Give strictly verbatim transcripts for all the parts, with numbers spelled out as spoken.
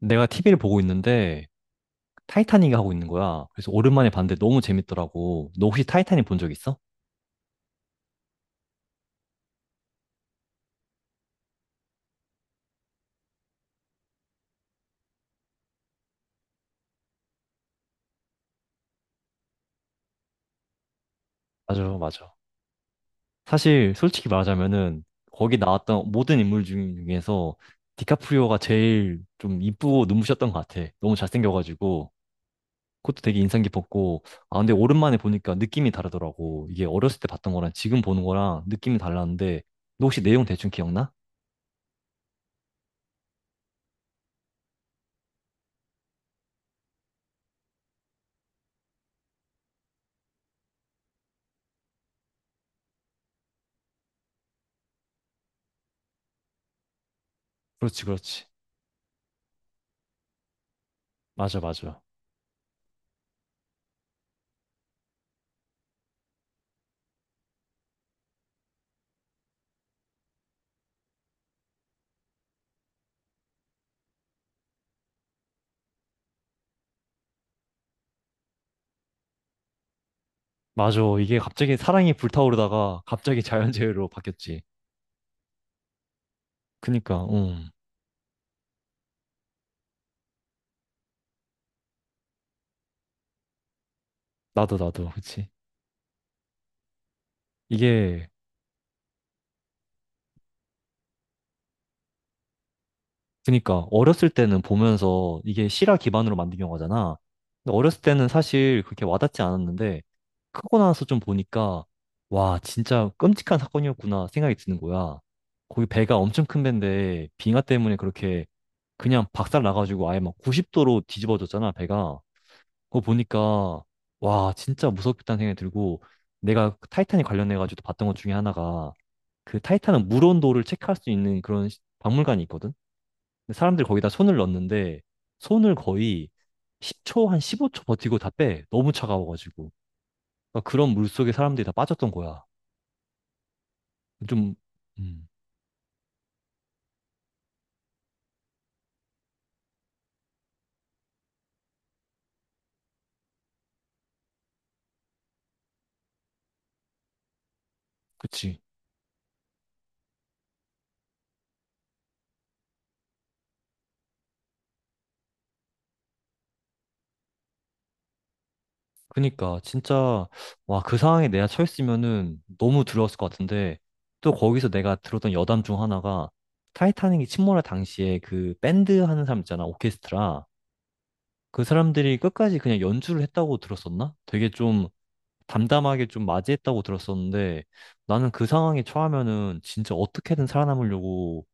내가 티비를 보고 있는데 타이타닉이 하고 있는 거야. 그래서 오랜만에 봤는데 너무 재밌더라고. 너 혹시 타이타닉 본 적 있어? 맞아, 맞아. 사실 솔직히 말하자면은 거기 나왔던 모든 인물 중에서 디카프리오가 제일 좀 이쁘고 눈부셨던 것 같아. 너무 잘생겨가지고 그것도 되게 인상 깊었고 아 근데 오랜만에 보니까 느낌이 다르더라고. 이게 어렸을 때 봤던 거랑 지금 보는 거랑 느낌이 달랐는데 너 혹시 내용 대충 기억나? 그렇지, 그렇지. 맞아, 맞아. 맞아. 이게 갑자기 사랑이 불타오르다가 갑자기 자연재해로 바뀌었지. 그니까, 음. 나도, 나도. 그치. 이게, 그니까, 어렸을 때는 보면서 이게 실화 기반으로 만든 영화잖아. 근데 어렸을 때는 사실 그렇게 와닿지 않았는데, 크고 나서 좀 보니까, 와, 진짜 끔찍한 사건이었구나 생각이 드는 거야. 거기 배가 엄청 큰 배인데, 빙하 때문에 그렇게 그냥 박살 나가지고 아예 막 구십 도로 뒤집어졌잖아, 배가. 그거 보니까 와 진짜 무섭겠다는 생각이 들고 내가 그 타이탄에 관련해가지고 봤던 것 중에 하나가 그 타이탄은 물 온도를 체크할 수 있는 그런 시- 박물관이 있거든. 근데 사람들이 거기다 손을 넣는데 손을 거의 십 초 한 십오 초 버티고 다 빼. 너무 차가워가지고 그러니까 그런 물 속에 사람들이 다 빠졌던 거야. 좀 음, 그치. 그니까 진짜 와 그 상황에 내가 처했으면은 너무 두려웠을 것 같은데 또 거기서 내가 들었던 여담 중 하나가 타이타닉이 침몰할 당시에 그 밴드 하는 사람 있잖아 오케스트라 그 사람들이 끝까지 그냥 연주를 했다고 들었었나? 되게 좀 담담하게 좀 맞이했다고 들었었는데 나는 그 상황에 처하면은 진짜 어떻게든 살아남으려고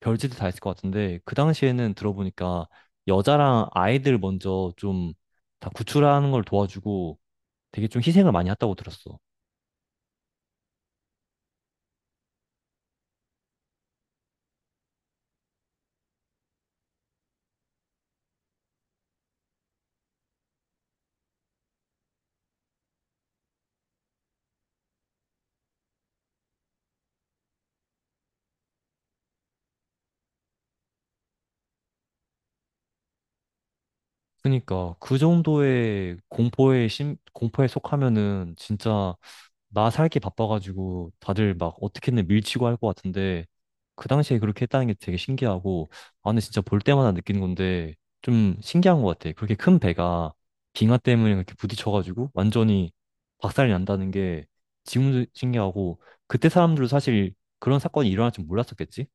별짓을 다 했을 것 같은데 그 당시에는 들어보니까 여자랑 아이들 먼저 좀 다 구출하는 걸 도와주고 되게 좀 희생을 많이 했다고 들었어. 그러니까 그 정도의 공포에 심, 공포에 속하면은 진짜 나 살기 바빠가지고 다들 막 어떻게든 밀치고 할 것 같은데 그 당시에 그렇게 했다는 게 되게 신기하고 아 근데 진짜 볼 때마다 느끼는 건데 좀 신기한 것 같아. 그렇게 큰 배가 빙하 때문에 그렇게 부딪혀가지고 완전히 박살이 난다는 게 지금도 신기하고 그때 사람들도 사실 그런 사건이 일어날 줄 몰랐었겠지?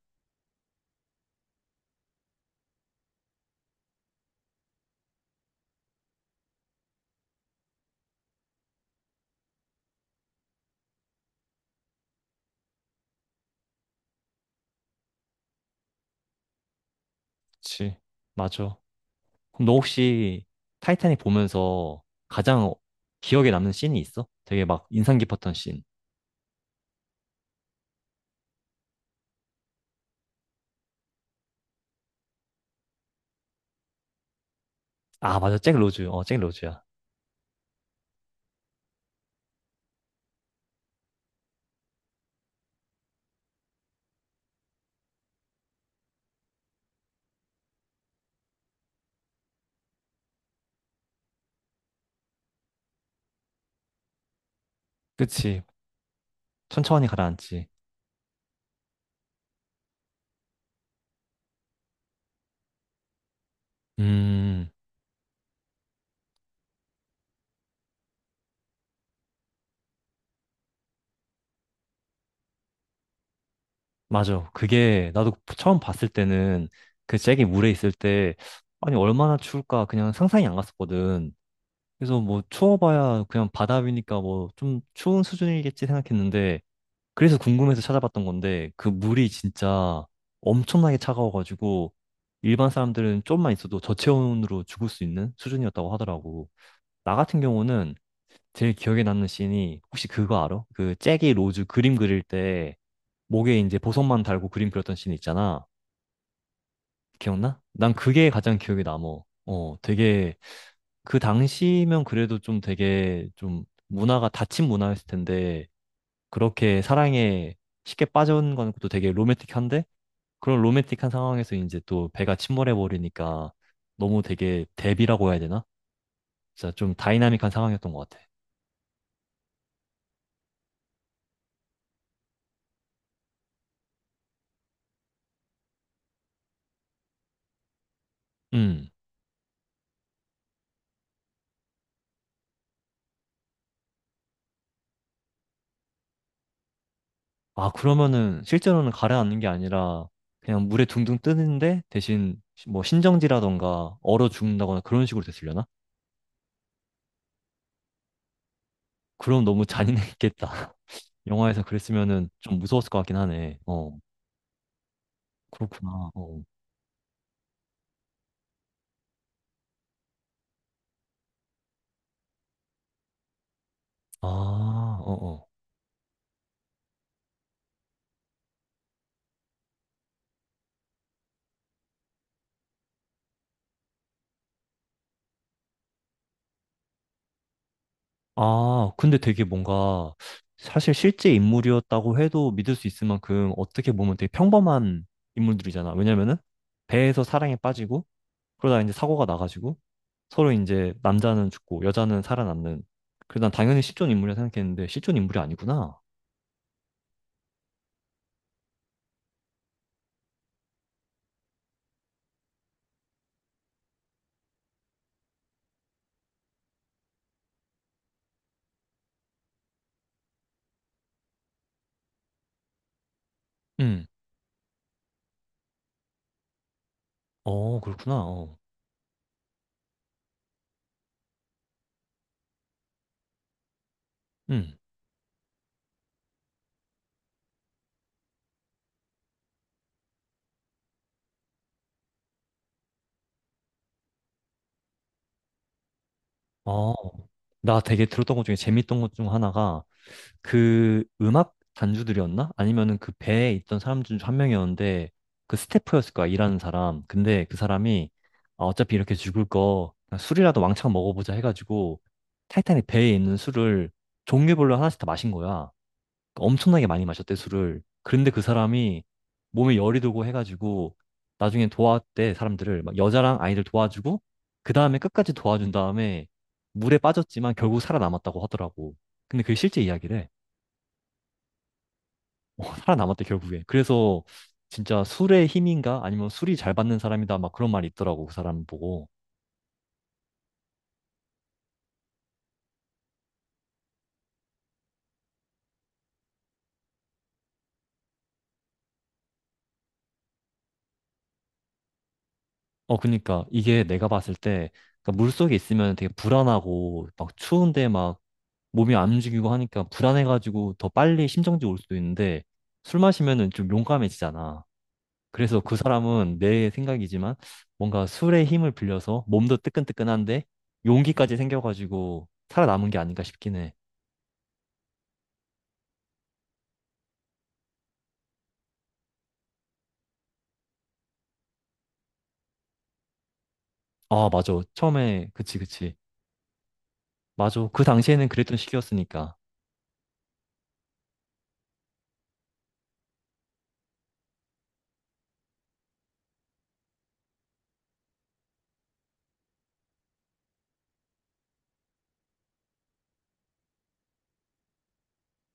그치. 맞아. 그럼 너 혹시 타이타닉 보면서 가장 기억에 남는 씬이 있어? 되게 막 인상 깊었던 씬. 아, 맞아. 잭 로즈. 어, 잭 로즈야. 그치. 천천히 가라앉지. 음, 맞아. 그게 나도 처음 봤을 때는 그 잭이 물에 있을 때 아니 얼마나 추울까 그냥 상상이 안 갔었거든. 그래서 뭐 추워봐야 그냥 바다 위니까 뭐 좀 추운 수준이겠지 생각했는데 그래서 궁금해서 찾아봤던 건데 그 물이 진짜 엄청나게 차가워가지고 일반 사람들은 좀만 있어도 저체온으로 죽을 수 있는 수준이었다고 하더라고. 나 같은 경우는 제일 기억에 남는 씬이 혹시 그거 알아? 그 잭이 로즈 그림 그릴 때 목에 이제 보석만 달고 그림 그렸던 씬 있잖아. 기억나? 난 그게 가장 기억에 남어. 어, 되게 그 당시면 그래도 좀 되게 좀 문화가 닫힌 문화였을 텐데 그렇게 사랑에 쉽게 빠져온 건 것도 되게 로맨틱한데 그런 로맨틱한 상황에서 이제 또 배가 침몰해 버리니까 너무 되게 대비라고 해야 되나? 진짜 좀 다이나믹한 상황이었던 것 같아. 음. 아, 그러면은 실제로는 가라앉는 게 아니라 그냥 물에 둥둥 뜨는데 대신 시- 뭐 신정지라던가 얼어 죽는다거나 그런 식으로 됐으려나? 그럼 너무 잔인했겠다. 영화에서 그랬으면은 좀 무서웠을 것 같긴 하네. 어, 그렇구나. 어. 아, 어, 어. 아, 근데 되게 뭔가 사실 실제 인물이었다고 해도 믿을 수 있을 만큼 어떻게 보면 되게 평범한 인물들이잖아. 왜냐면은 배에서 사랑에 빠지고 그러다 이제 사고가 나가지고 서로 이제 남자는 죽고 여자는 살아남는. 그래서 난 당연히 실존 인물이라 생각했는데 실존 인물이 아니구나. 응. 어, 그렇구나. 어. 응. 어. 나 되게 들었던 것 중에 재밌던 것 중 하나가 그 음악 단주들이었나? 아니면은 그 배에 있던 사람 중 한 명이었는데 그 스태프였을 거야, 일하는 사람. 근데 그 사람이 아, 어차피 이렇게 죽을 거 그냥 술이라도 왕창 먹어보자 해가지고 타이탄이 배에 있는 술을 종류별로 하나씩 다 마신 거야. 그러니까 엄청나게 많이 마셨대, 술을. 그런데 그 사람이 몸에 열이 들고 해가지고 나중에 도왔대, 사람들을. 막 여자랑 아이들 도와주고, 그 다음에 끝까지 도와준 다음에 물에 빠졌지만 결국 살아남았다고 하더라고. 근데 그게 실제 이야기래. 어, 살아남았대, 결국에. 그래서 진짜 술의 힘인가? 아니면 술이 잘 받는 사람이다. 막 그런 말이 있더라고, 그 사람 보고. 어, 그니까 이게 내가 봤을 때, 그러니까 물속에 있으면 되게 불안하고, 막 추운데 막 몸이 안 움직이고 하니까 불안해가지고 더 빨리 심정지 올 수도 있는데 술 마시면은 좀 용감해지잖아. 그래서 그 사람은 내 생각이지만 뭔가 술의 힘을 빌려서 몸도 뜨끈뜨끈한데 용기까지 생겨가지고 살아남은 게 아닌가 싶긴 해. 아, 맞아. 처음에, 그치, 그치. 맞아. 그 당시에는 그랬던 시기였으니까.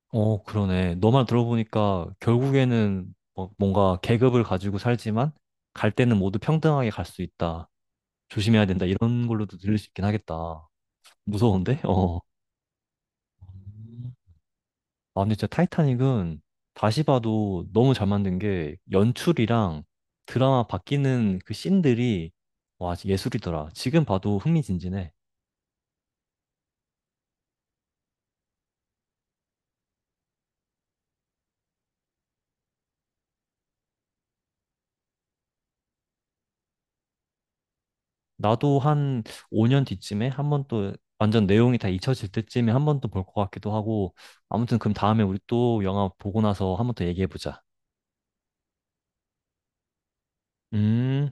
어, 그러네. 너만 들어보니까 결국에는 뭐- 뭔가 계급을 가지고 살지만 갈 때는 모두 평등하게 갈 수 있다. 조심해야 된다. 이런 걸로도 들릴 수 있긴 하겠다. 무서운데? 어. 아, 근데 진짜 타이타닉은 다시 봐도 너무 잘 만든 게 연출이랑 드라마 바뀌는 그 씬들이 와, 예술이더라. 지금 봐도 흥미진진해. 나도 한 오 년 뒤쯤에 한 번 또 완전 내용이 다 잊혀질 때쯤에 한 번 또 볼 것 같기도 하고 아무튼 그럼 다음에 우리 또 영화 보고 나서 한 번 더 얘기해보자. 음.